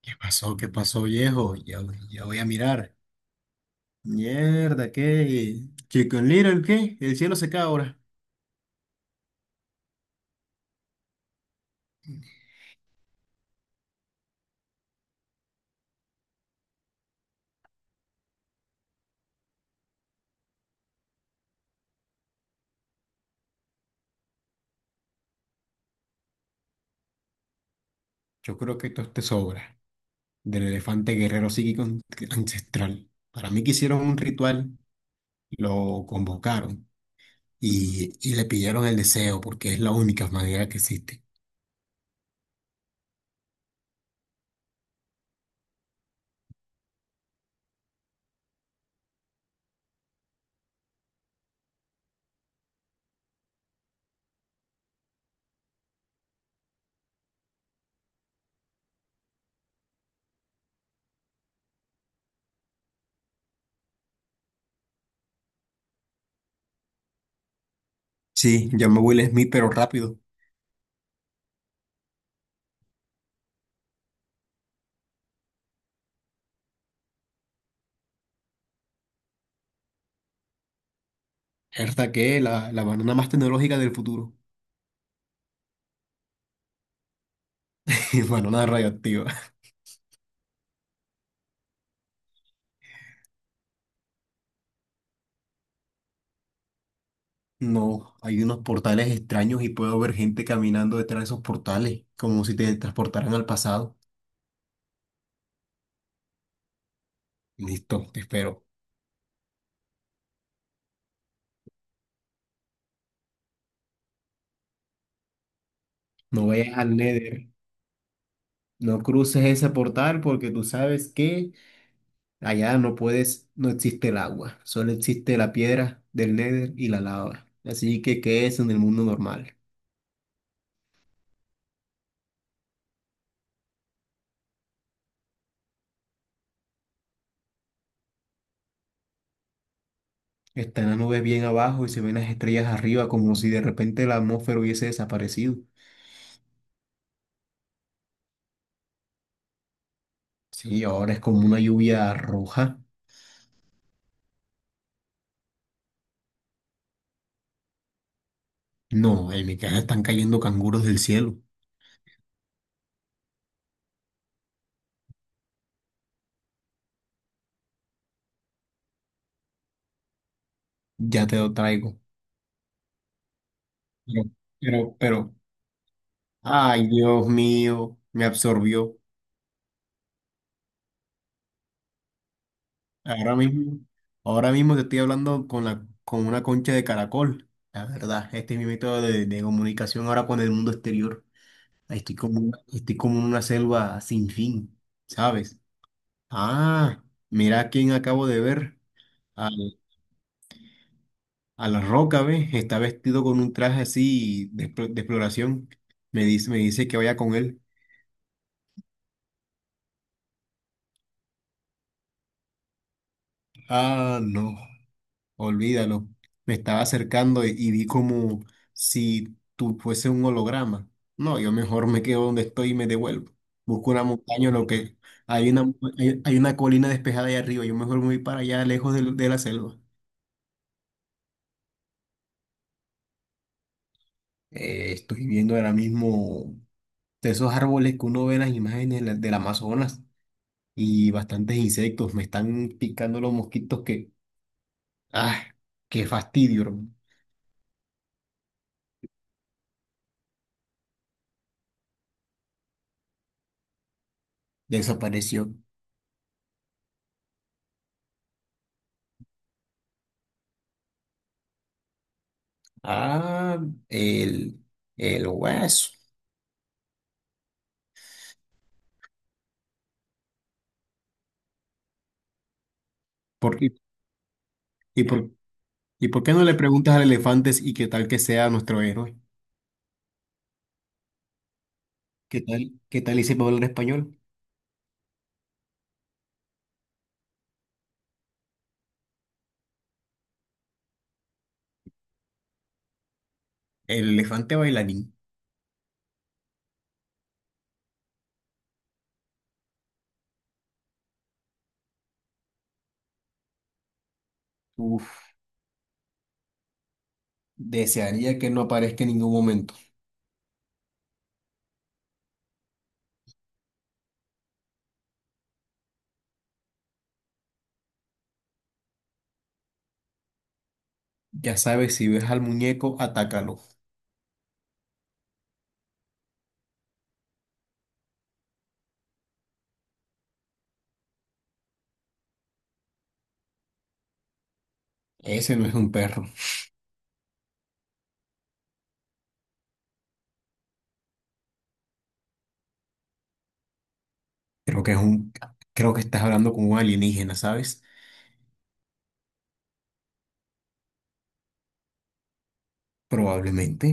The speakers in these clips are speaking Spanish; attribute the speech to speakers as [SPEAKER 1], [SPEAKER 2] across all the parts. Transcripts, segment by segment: [SPEAKER 1] ¿Qué pasó? ¿Qué pasó, viejo? Ya, ya, voy a mirar. Mierda, ¿qué? Chicken Little, ¿qué? El cielo se cae ahora. Yo creo que esto es te sobra del elefante guerrero psíquico ancestral. Para mí que hicieron un ritual, lo convocaron y le pidieron el deseo porque es la única manera que existe. Sí, llamo a Will Smith, pero rápido. Herda que la banana más tecnológica del futuro. Banana radioactiva. No, hay unos portales extraños y puedo ver gente caminando detrás de esos portales, como si te transportaran al pasado. Listo, te espero. No vayas al Nether, no cruces ese portal porque tú sabes que allá no puedes, no existe el agua, solo existe la piedra del Nether y la lava. Así que, ¿qué es en el mundo normal? Están las nubes bien abajo y se ven las estrellas arriba como si de repente la atmósfera hubiese desaparecido. Sí, ahora es como una lluvia roja. No, en mi casa están cayendo canguros del cielo. Ya te lo traigo. Pero, pero, ay, Dios mío, me absorbió. Ahora mismo, ahora mismo te estoy hablando con con una concha de caracol. La verdad, este es mi método de comunicación ahora con el mundo exterior. Estoy como, estoy como en una selva sin fin, ¿sabes? Ah, mira a quién acabo de ver. A la roca, ¿ves? Está vestido con un traje así de, de exploración. Me dice que vaya con él. Ah, no, olvídalo. Me estaba acercando y vi como si tú fuese un holograma. No, yo mejor me quedo donde estoy y me devuelvo. Busco una montaña, lo que hay una, hay una colina despejada ahí arriba. Yo mejor me voy para allá, lejos de la selva. Estoy viendo ahora mismo de esos árboles que uno ve en las imágenes de del Amazonas. Y bastantes insectos. Me están picando los mosquitos que, ah, qué fastidio, hermano. Desapareció. Ah, el, el hueso. ¿Por, y por, ¿y por qué no le preguntas al elefante y qué tal que sea nuestro héroe? ¿Qué tal y sepa hablar español? El elefante bailarín. Uf, desearía que no aparezca en ningún momento. Ya sabes, si ves al muñeco, atácalo. Ese no es un perro. Creo que es un, creo que estás hablando con un alienígena, ¿sabes? Probablemente.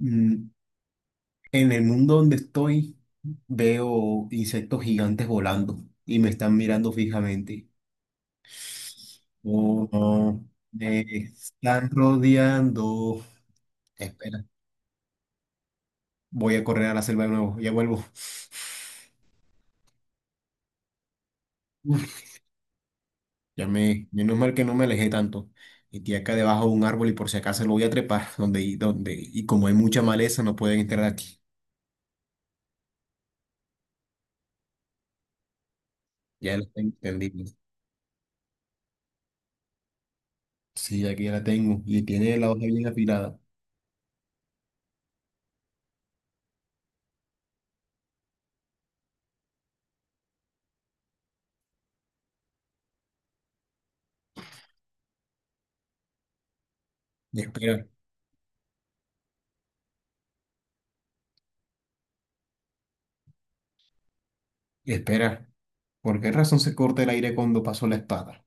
[SPEAKER 1] Mm, en el mundo donde estoy, veo insectos gigantes volando y me están mirando fijamente. Oh, no, me están rodeando. Espera, voy a correr a la selva de nuevo, ya vuelvo. Uf, menos mal que no me alejé tanto. Metí acá debajo de un árbol y por si acaso lo voy a trepar, y como hay mucha maleza, no pueden entrar aquí. Ya lo tengo entendido. Sí, aquí ya la tengo y tiene la hoja bien afilada. Y espera, y espera. ¿Por qué razón se corta el aire cuando paso la espada?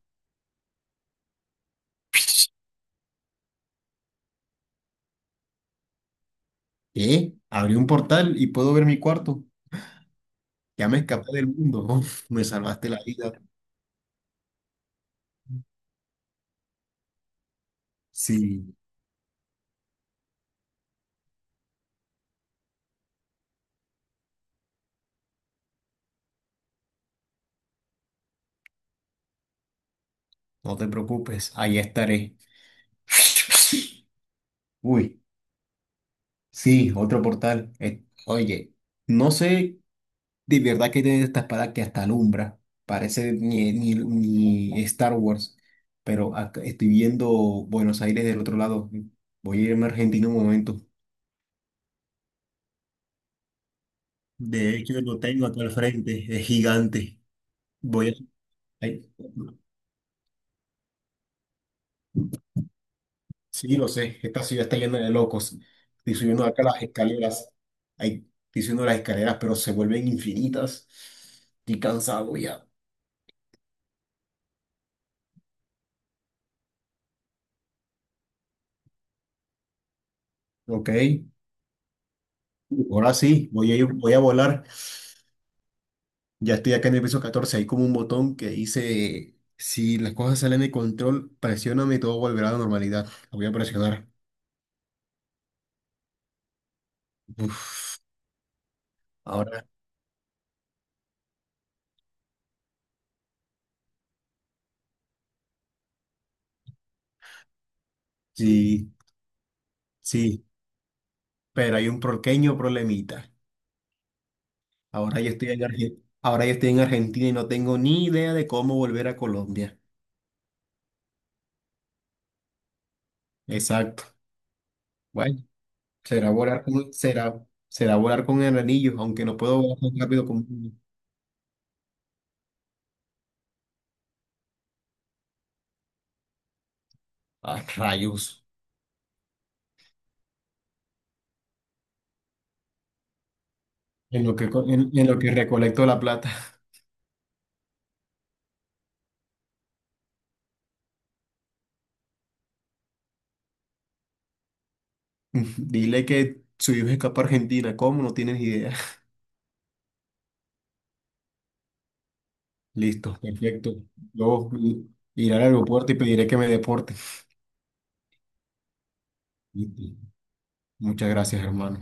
[SPEAKER 1] ¿Qué? Abrí un portal y puedo ver mi cuarto. Ya me escapé del mundo. Uf, me salvaste la vida. Sí, no te preocupes. Ahí estaré. Uy, sí, otro portal. Oye, no sé de verdad qué tiene esta espada que hasta alumbra. Parece ni Star Wars. Pero acá estoy viendo Buenos Aires del otro lado. Voy a irme a Argentina un momento. De hecho, lo tengo acá al frente, es gigante. Voy a... ay, sí, lo sé, esta ciudad está llena de locos. Estoy subiendo acá las escaleras. Ay, estoy subiendo las escaleras, pero se vuelven infinitas. Estoy cansado ya. Ok, ahora sí, voy a volar. Ya estoy acá en el piso 14. Hay como un botón que dice, si las cosas salen de control, presióname y todo volverá a la normalidad. Lo voy a presionar. Uf, ahora sí, sí, pero hay un pequeño problemita. Ahora yo estoy en Argentina y no tengo ni idea de cómo volver a Colombia. Exacto. Bueno, será volar con el anillo, aunque no puedo volar tan rápido como un niño. Ah, rayos. En lo que recolecto la plata. Dile que su hijo escapa a Argentina. ¿Cómo? No tienes idea. Listo, perfecto. Yo iré al aeropuerto y pediré que me deporten. Listo. Muchas gracias, hermano.